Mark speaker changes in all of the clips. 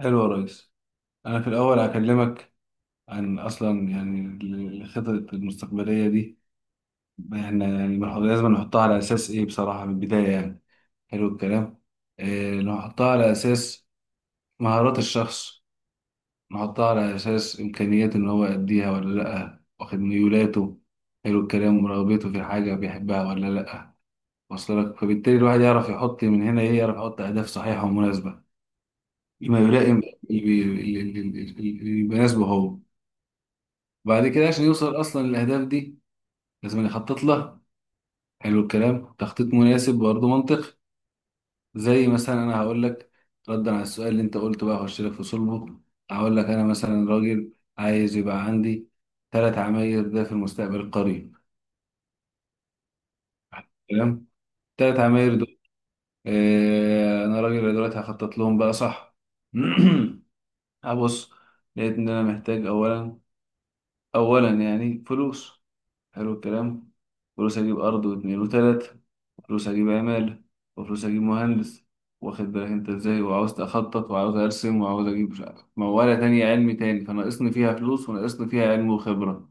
Speaker 1: حلو يا ريس. أنا في الأول هكلمك عن أصلا يعني الخطط المستقبلية دي. إحنا يعني لازم نحطها على أساس إيه بصراحة من البداية يعني. حلو الكلام. إيه، نحطها على أساس مهارات الشخص، نحطها على أساس إمكانيات إن هو يأديها ولا لأ، واخد ميولاته. حلو الكلام. ورغبته في حاجة بيحبها ولا لأ. واصل لك، فبالتالي الواحد يعرف يحط من هنا إيه، يعرف يحط أهداف صحيحة ومناسبة، ما يلائم اللي بي- اللي اللي- اللي- اللي يناسبه هو. وبعد كده عشان يوصل اصلا للاهداف دي لازم يخطط لها. حلو الكلام، تخطيط مناسب برضه منطقي. زي مثلا انا هقول لك ردا على السؤال اللي انت قلته، بقى اخش لك في صلبه. هقول لك انا مثلا راجل عايز يبقى عندي ثلاث عماير ده في المستقبل القريب. تمام، ثلاث عماير دول. آه انا راجل دلوقتي هخطط لهم بقى، صح؟ هبص، لقيت ان انا محتاج اولا، اولا يعني فلوس. حلو الكلام. فلوس اجيب ارض واتنين وتلاتة، وفلوس اجيب عمال، وفلوس اجيب مهندس. واخد بالك انت ازاي؟ وعاوز اخطط وعاوز ارسم وعاوز اجيب مش عارف موالة تانية، علمي تاني فناقصني فيها فلوس وناقصني فيها علم وخبرة.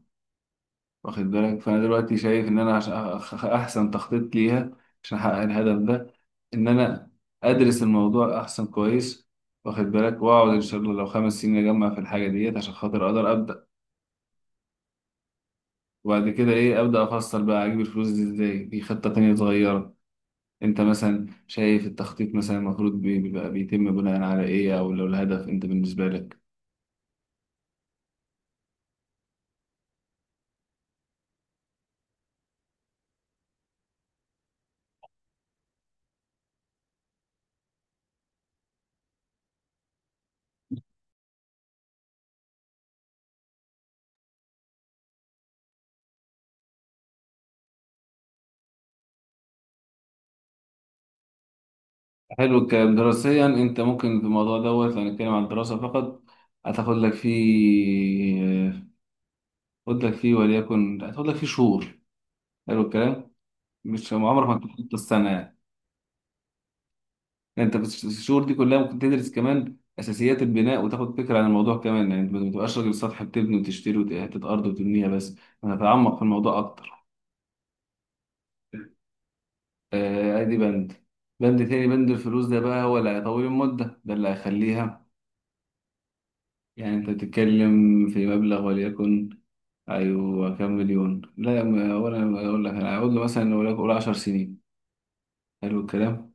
Speaker 1: واخد بالك؟ فانا دلوقتي شايف ان انا عشان احسن تخطيط ليها، عشان احقق الهدف ده، ان انا ادرس الموضوع احسن كويس. واخد بالك؟ واقعد ان شاء الله لو خمس سنين اجمع في الحاجة ديت عشان خاطر اقدر ابدأ. وبعد كده ايه، ابدا افصل بقى اجيب الفلوس دي ازاي في خطه تانية صغيره. انت مثلا شايف التخطيط مثلا المفروض بيبقى بيتم بناء على ايه؟ او لو الهدف انت بالنسبه لك. حلو الكلام. دراسيا انت ممكن في الموضوع دوت، لو هنتكلم عن الدراسه فقط، هتاخد لك فيه، هتاخد لك فيه وليكن هتاخد لك فيه شهور. حلو الكلام. مش عمرك ما تخطط السنه يعني. يعني انت بس الشهور دي كلها ممكن تدرس كمان اساسيات البناء وتاخد فكره عن الموضوع كمان. يعني انت ما تبقاش راجل سطح بتبني وتشتري وحته ارض وتبنيها بس، انا هتعمق في الموضوع اكتر. آه، ادي بند، بند تاني. بند الفلوس ده بقى هو اللي هيطول المده، ده اللي هيخليها. يعني انت بتتكلم في مبلغ وليكن، ايوه كام مليون؟ لا ولا اقول لك، انا هقول له مثلا وليكن قول 10 سنين. حلو الكلام.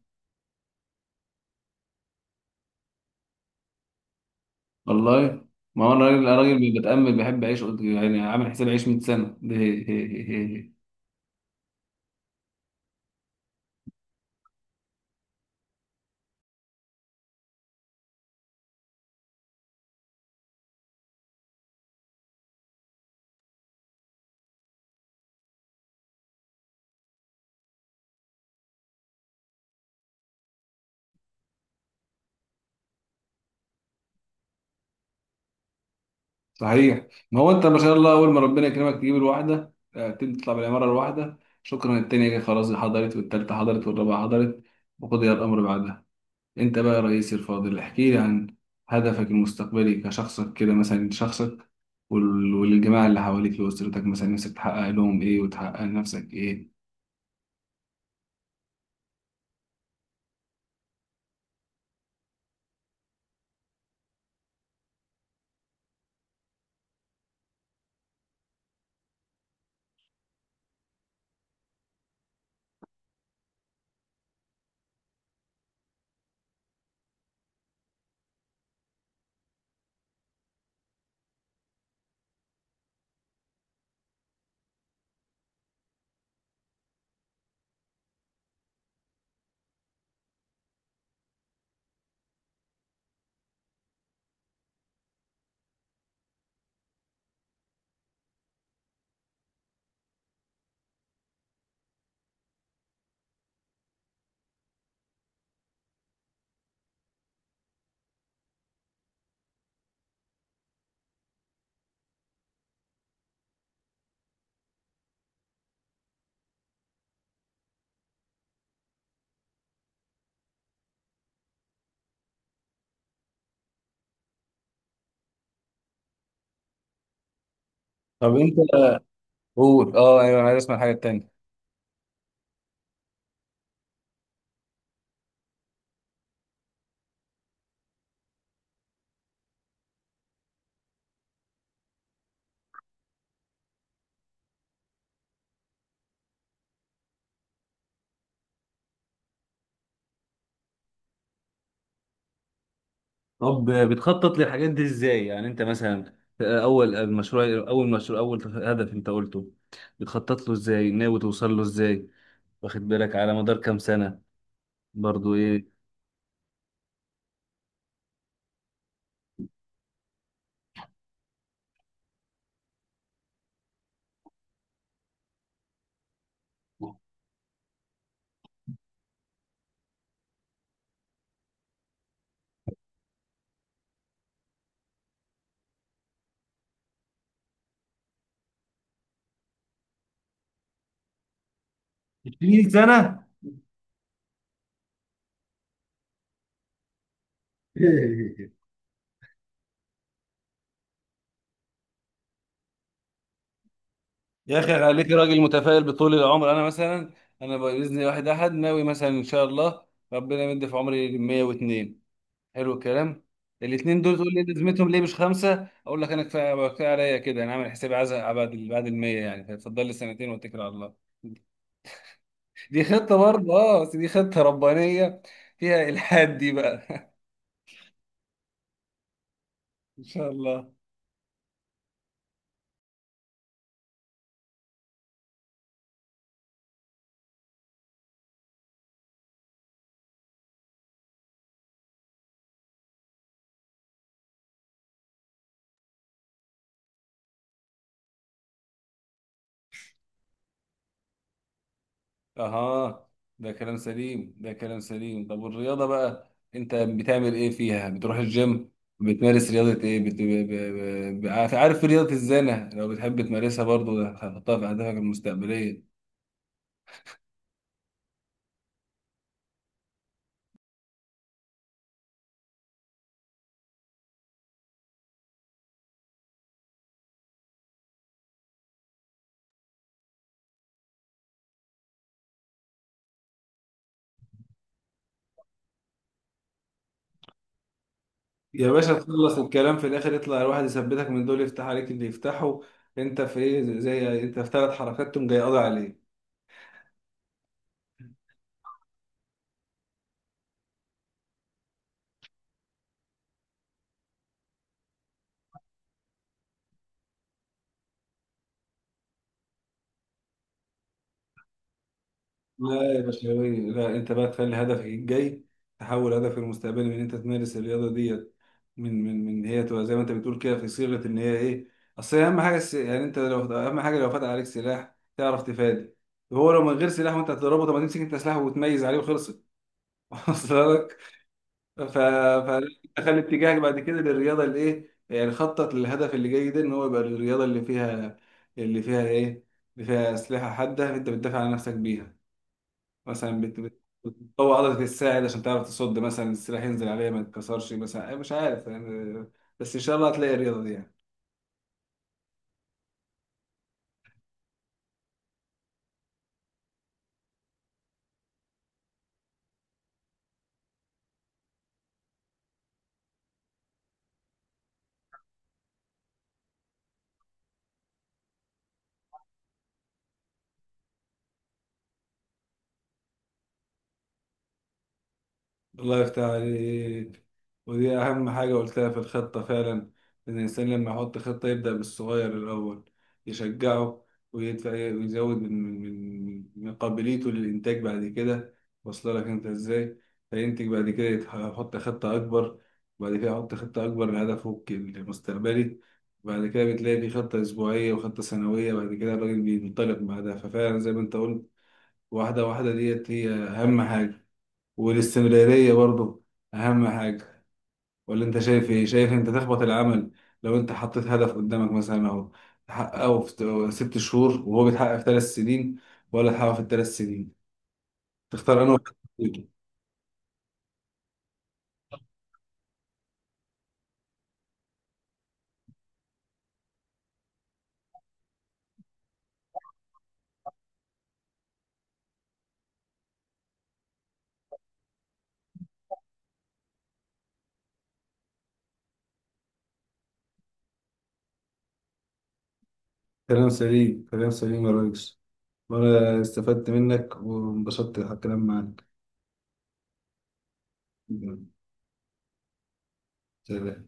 Speaker 1: والله ما هو الراجل اللي بتأمل بيحب يعيش يعني عامل حساب يعيش 100 سنة. صحيح، ما هو انت ما شاء الله اول ما ربنا يكرمك تجيب الواحده، آه، تبدا تطلع بالعماره الواحده، شكرا، التانيه جايه خلاص حضرت، والتالته حضرت، والرابعه حضرت، وقضي الامر بعدها. انت بقى يا رئيسي الفاضل احكي لي عن هدفك المستقبلي كشخصك كده، مثلا شخصك والجماعه اللي حواليك واسرتك، مثلا نفسك تحقق لهم ايه وتحقق لنفسك ايه. طب انت قول، اه ايوه انا عايز اسمع الحاجه التانيه. طب بتخطط للحاجات دي ازاي؟ يعني انت مثلا اول المشروع، اول مشروع، اول هدف انت قلته بتخطط له ازاي؟ ناوي توصل له ازاي؟ واخد بالك؟ على مدار كام سنة برضو، ايه؟ 20 سنة؟ يا اخي عليك راجل متفائل بطول العمر. انا مثلا انا باذن واحد احد ناوي مثلا ان شاء الله ربنا يمد في عمري 102. حلو الكلام. الاثنين دول تقول لي لازمتهم ليه مش خمسه؟ اقول لك انا كفايه كفايه عليا كده، انا عامل حسابي عايز أبقى بعد ال 100 يعني، فاتفضل لي سنتين واتكل على الله. دي خطه برضه اه، بس دي خطه ربانيه فيها الحاد دي بقى. ان شاء الله. اها، ده كلام سليم، ده كلام سليم. طب والرياضه بقى انت بتعمل ايه فيها؟ بتروح الجيم، بتمارس رياضه ايه؟ بت... ب... ب... ب... عارف، عارف رياضه الزانه؟ لو بتحب تمارسها برضه ده هتحطها في اهدافك المستقبليه. يا باشا تخلص الكلام في الاخر يطلع الواحد يثبتك من دول يفتح عليك اللي يفتحه. انت في ايه؟ انت في ثلاث حركات تقوم جاي قاضي عليه. لا يا بشوي، لا انت بقى تخلي هدفك الجاي، تحول هدفك المستقبلي من ان انت تمارس الرياضه ديت، من هي تبقى زي ما انت بتقول كده في صيغه ان هي ايه. اصل هي اهم حاجه يعني انت لو، اهم حاجه لو فتح عليك سلاح تعرف تفادي. هو لو من غير سلاح وانت هتضربه، طب ما تمسك انت سلاح وتميز عليه وخلصت. ف... فخلي اتجاهك بعد كده للرياضه اللي ايه، يعني خطط للهدف اللي جاي ده ان هو يبقى الرياضه اللي فيها، اللي فيها ايه، اللي فيها اسلحه حاده انت بتدافع عن نفسك بيها. مثلا بتقوي عضله الساعد عشان تعرف تصد مثلا السلاح ينزل عليها ما يتكسرش، مثلا أي مش عارف يعني. بس ان شاء الله هتلاقي الرياضه دي يعني. الله يفتح عليك. ودي أهم حاجة قلتها في الخطة فعلا، إن الإنسان لما يحط خطة يبدأ بالصغير الأول، يشجعه ويدفع ويزود من من قابليته للإنتاج بعد كده. واصله لك أنت إزاي؟ فينتج بعد كده، يحط خطة أكبر، وبعد كده يحط خطة أكبر لهدفه المستقبلي، بعد كده بتلاقي في خطة أسبوعية وخطة سنوية، بعد كده الراجل بينطلق بعدها. ففعلا زي ما أنت قلت، واحدة واحدة ديت هي أهم حاجة. والاستمرارية برضو أهم حاجة. ولا أنت شايف إيه؟ شايف أنت تخبط العمل، لو أنت حطيت هدف قدامك مثلا أهو، تحققه في ست شهور وهو بيتحقق في ثلاث سنين، ولا تحققه في الثلاث سنين؟ تختار أنا واحد. كلام سليم، كلام سليم يا ريس. وأنا استفدت منك وانبسطت على الكلام معاك. سلام.